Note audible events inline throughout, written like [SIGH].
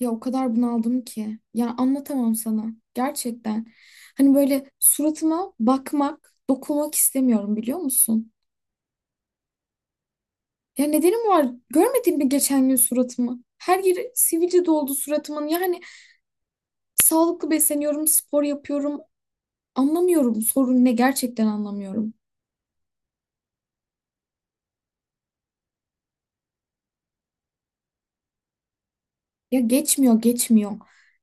Ya o kadar bunaldım ki. Ya anlatamam sana. Gerçekten. Hani böyle suratıma bakmak, dokunmak istemiyorum biliyor musun? Ya nedenim var. Görmedin mi geçen gün suratımı? Her yeri sivilce doldu suratımın. Yani sağlıklı besleniyorum, spor yapıyorum. Anlamıyorum sorun ne, gerçekten anlamıyorum. Ya geçmiyor, geçmiyor.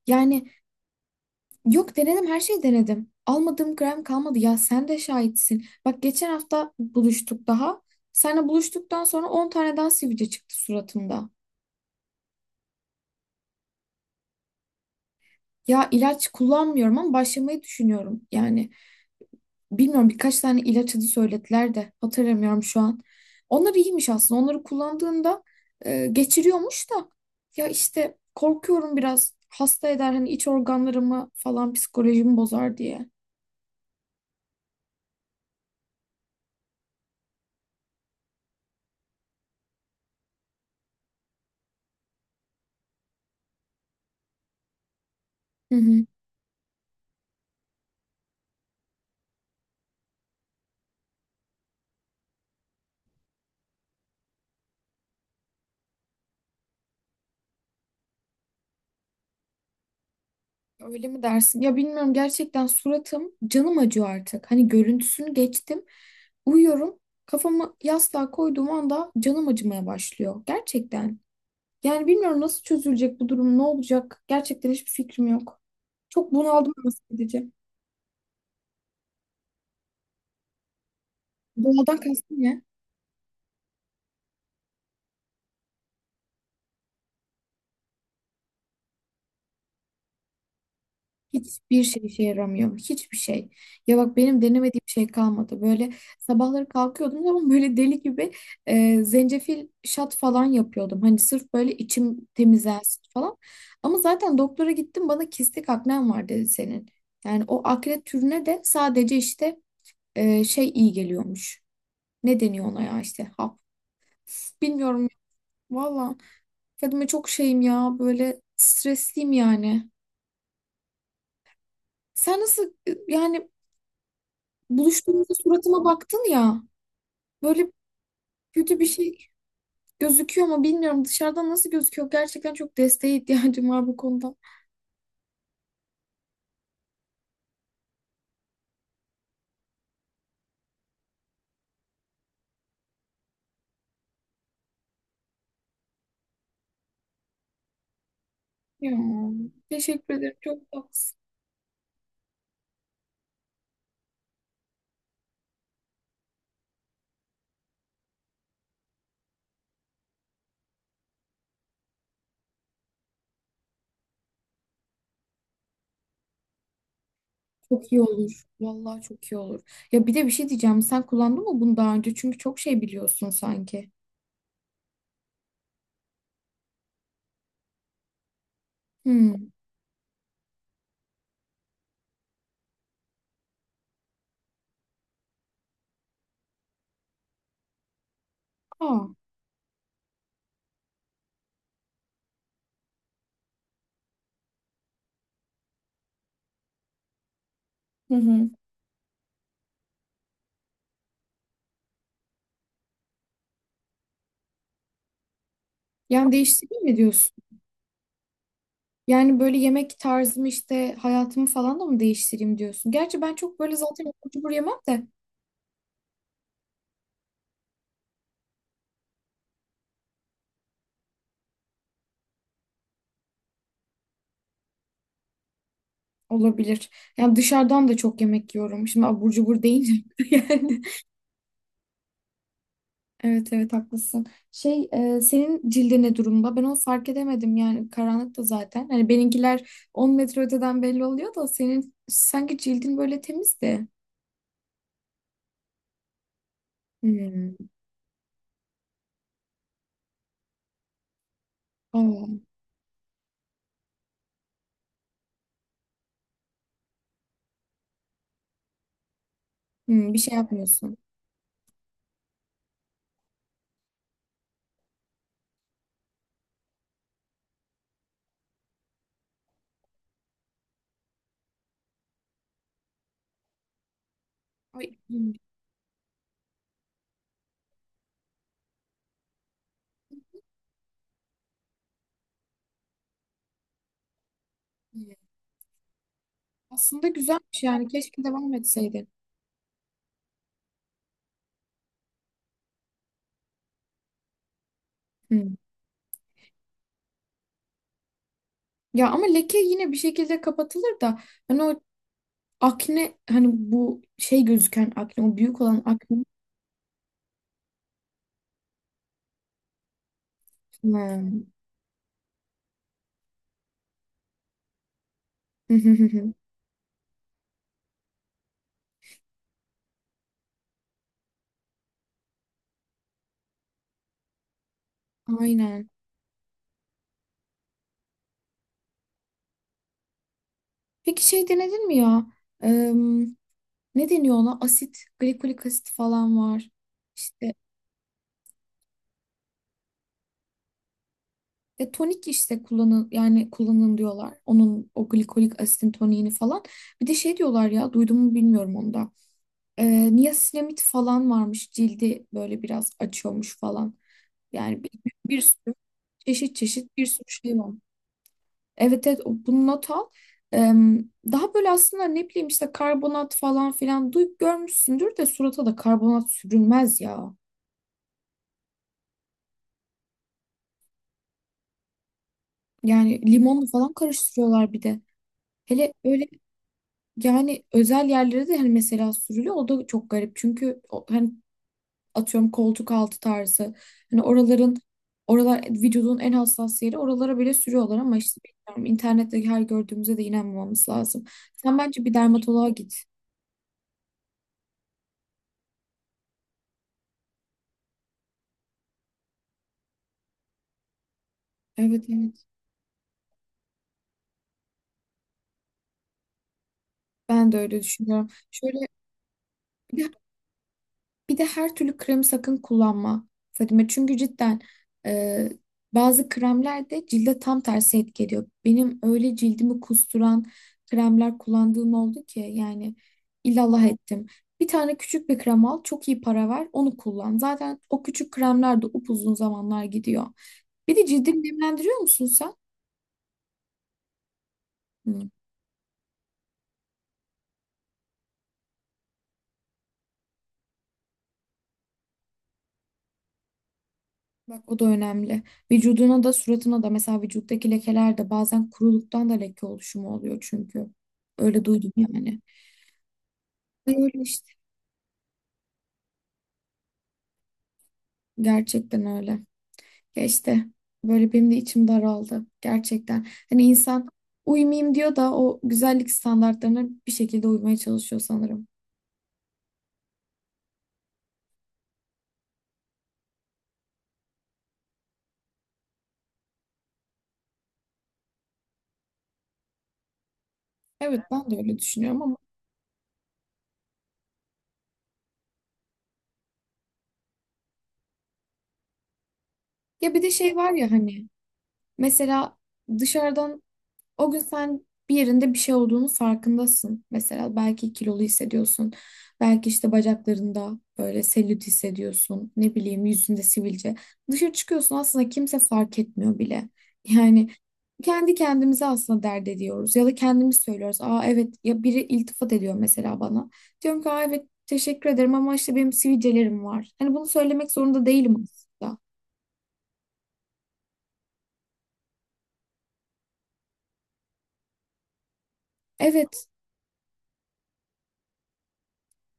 Yani. Yok, denedim, her şeyi denedim. Almadığım gram kalmadı, ya sen de şahitsin. Bak geçen hafta buluştuk daha. Seninle buluştuktan sonra 10 tane daha sivilce çıktı suratımda. Ya ilaç kullanmıyorum ama başlamayı düşünüyorum. Yani bilmiyorum, birkaç tane ilaç adı söylediler de hatırlamıyorum şu an. Onlar iyiymiş aslında. Onları kullandığında geçiriyormuş da. Ya işte korkuyorum, biraz hasta eder hani iç organlarımı falan, psikolojimi bozar diye. Hı hı. Öyle mi dersin? Ya bilmiyorum, gerçekten suratım, canım acıyor artık. Hani görüntüsünü geçtim. Uyuyorum. Kafamı yastığa koyduğum anda canım acımaya başlıyor. Gerçekten. Yani bilmiyorum nasıl çözülecek bu durum, ne olacak? Gerçekten hiçbir fikrim yok. Çok bunaldım, nasıl edeceğim. Bunaldan kastım ne? Hiçbir şey işe yaramıyor. Hiçbir şey. Ya bak, benim denemediğim şey kalmadı. Böyle sabahları kalkıyordum ama böyle deli gibi zencefil şat falan yapıyordum. Hani sırf böyle içim temizlensin falan. Ama zaten doktora gittim, bana kistik aknen var dedi senin. Yani o akne türüne de sadece işte şey iyi geliyormuş. Ne deniyor ona ya, işte hap. Bilmiyorum valla. Fadime, çok şeyim ya, böyle stresliyim yani. Sen nasıl, yani buluştuğumuzda suratıma baktın ya. Böyle kötü bir şey gözüküyor mu bilmiyorum. Dışarıdan nasıl gözüküyor? Gerçekten çok desteğe ihtiyacım var bu konuda. Ya, teşekkür ederim. Çok tatlısın. Çok iyi olur. Vallahi çok iyi olur. Ya bir de bir şey diyeceğim. Sen kullandın mı bunu daha önce? Çünkü çok şey biliyorsun sanki. Hmm. Aa. Hı hı. Yani değiştireyim mi diyorsun? Yani böyle yemek tarzımı, işte hayatımı falan da mı değiştireyim diyorsun? Gerçi ben çok böyle zaten abur cubur yemem de. Olabilir. Yani dışarıdan da çok yemek yiyorum. Şimdi abur cubur deyince [LAUGHS] yani. Evet evet, haklısın. Şey, senin cildi ne durumda? Ben onu fark edemedim yani, karanlıkta zaten. Hani benimkiler 10 metre öteden belli oluyor da senin sanki cildin böyle temizdi. Hmm. Aa, bir şey yapmıyorsun. Ay, hmm. Hmm. Aslında güzelmiş yani, keşke devam etseydin. Hmm. Ya ama leke yine bir şekilde kapatılır da, hani o akne, hani bu şey gözüken akne, o büyük olan akne. Hmm. [LAUGHS] Aynen. Peki şey denedin mi ya? Eee, Ne deniyor ona? Asit, glikolik asit falan var. İşte tonik işte, kullanın yani kullanın diyorlar. Onun, o glikolik asitin toniğini falan. Bir de şey diyorlar ya, duydum mu bilmiyorum onu da. Niasinamid falan varmış. Cildi böyle biraz açıyormuş falan. Yani bir sürü çeşit çeşit bir sürü şey var. Evet evet, bunu not al. Em, Daha böyle aslında, ne bileyim, işte karbonat falan filan duyup görmüşsündür de, surata da karbonat sürülmez ya. Yani limonlu falan karıştırıyorlar bir de. Hele öyle yani, özel yerlere de hani mesela sürülüyor, o da çok garip. Çünkü hani, atıyorum koltuk altı tarzı, hani oralar vücudun en hassas yeri, oralara bile sürüyorlar. Ama işte bilmiyorum, internette her gördüğümüze de inanmamamız lazım. Sen bence bir dermatoloğa git. Evet evet. Ben de öyle düşünüyorum. Şöyle bir de, bir de her türlü kremi sakın kullanma Fadime. Çünkü cidden e, bazı kremler de cilde tam tersi etki ediyor. Benim öyle cildimi kusturan kremler kullandığım oldu ki yani, illallah ettim. Bir tane küçük bir krem al, çok iyi para ver, onu kullan. Zaten o küçük kremler de upuzun zamanlar gidiyor. Bir de cildini nemlendiriyor musun sen? Bak o da önemli. Vücuduna da suratına da, mesela vücuttaki lekeler de bazen kuruluktan, da leke oluşumu oluyor çünkü. Öyle duydum yani. Öyle işte. Gerçekten öyle. Ya işte böyle benim de içim daraldı. Gerçekten. Hani insan, uyumayayım diyor da o güzellik standartlarına bir şekilde uymaya çalışıyor sanırım. Evet, ben de öyle düşünüyorum ama ya bir de şey var ya, hani mesela dışarıdan. O gün sen bir yerinde bir şey olduğunu farkındasın. Mesela belki kilolu hissediyorsun. Belki işte bacaklarında böyle selülit hissediyorsun. Ne bileyim, yüzünde sivilce. Dışarı çıkıyorsun, aslında kimse fark etmiyor bile. Yani kendi kendimize aslında dert ediyoruz. Ya da kendimiz söylüyoruz. Aa evet, ya biri iltifat ediyor mesela bana. Diyorum ki, aa evet teşekkür ederim ama işte benim sivilcelerim var. Hani bunu söylemek zorunda değilim aslında. Evet.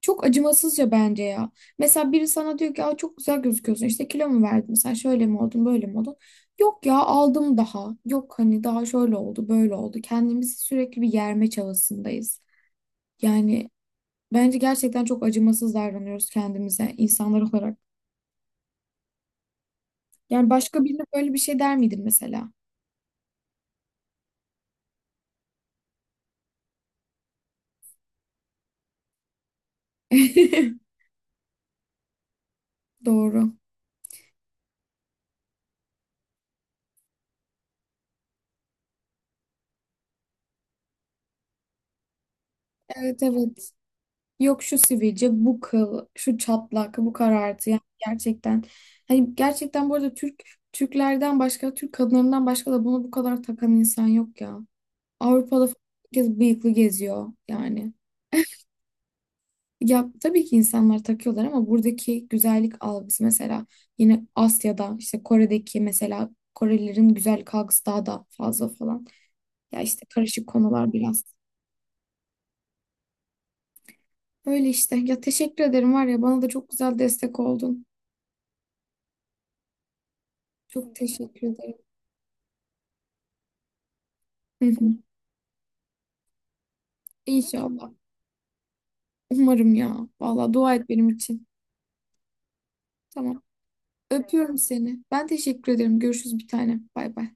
Çok acımasızca bence ya. Mesela biri sana diyor ki, aa, çok güzel gözüküyorsun. İşte kilo mu verdin? Sen şöyle mi oldun, böyle mi oldun? Yok ya, aldım daha. Yok hani daha şöyle oldu, böyle oldu. Kendimizi sürekli bir yerme çabasındayız. Yani bence gerçekten çok acımasız davranıyoruz kendimize, insanlar olarak. Yani başka birine böyle bir şey der miydin mesela? [LAUGHS] Doğru. Evet evet. Yok şu sivilce, bu kıl, şu çatlak, bu karartı. Yani gerçekten, hani gerçekten, bu arada Türklerden başka, Türk kadınlarından başka da bunu bu kadar takan insan yok ya. Avrupa'da falan herkes bıyıklı geziyor yani. Ya tabii ki insanlar takıyorlar, ama buradaki güzellik algısı mesela, yine Asya'da işte Kore'deki, mesela Korelilerin güzellik algısı daha da fazla falan. Ya işte karışık konular biraz. Öyle işte. Ya teşekkür ederim, var ya bana da çok güzel destek oldun. Çok teşekkür ederim. Hı hı. İnşallah. Umarım ya. Vallahi dua et benim için. Tamam. Öpüyorum seni. Ben teşekkür ederim. Görüşürüz bir tane. Bay bay.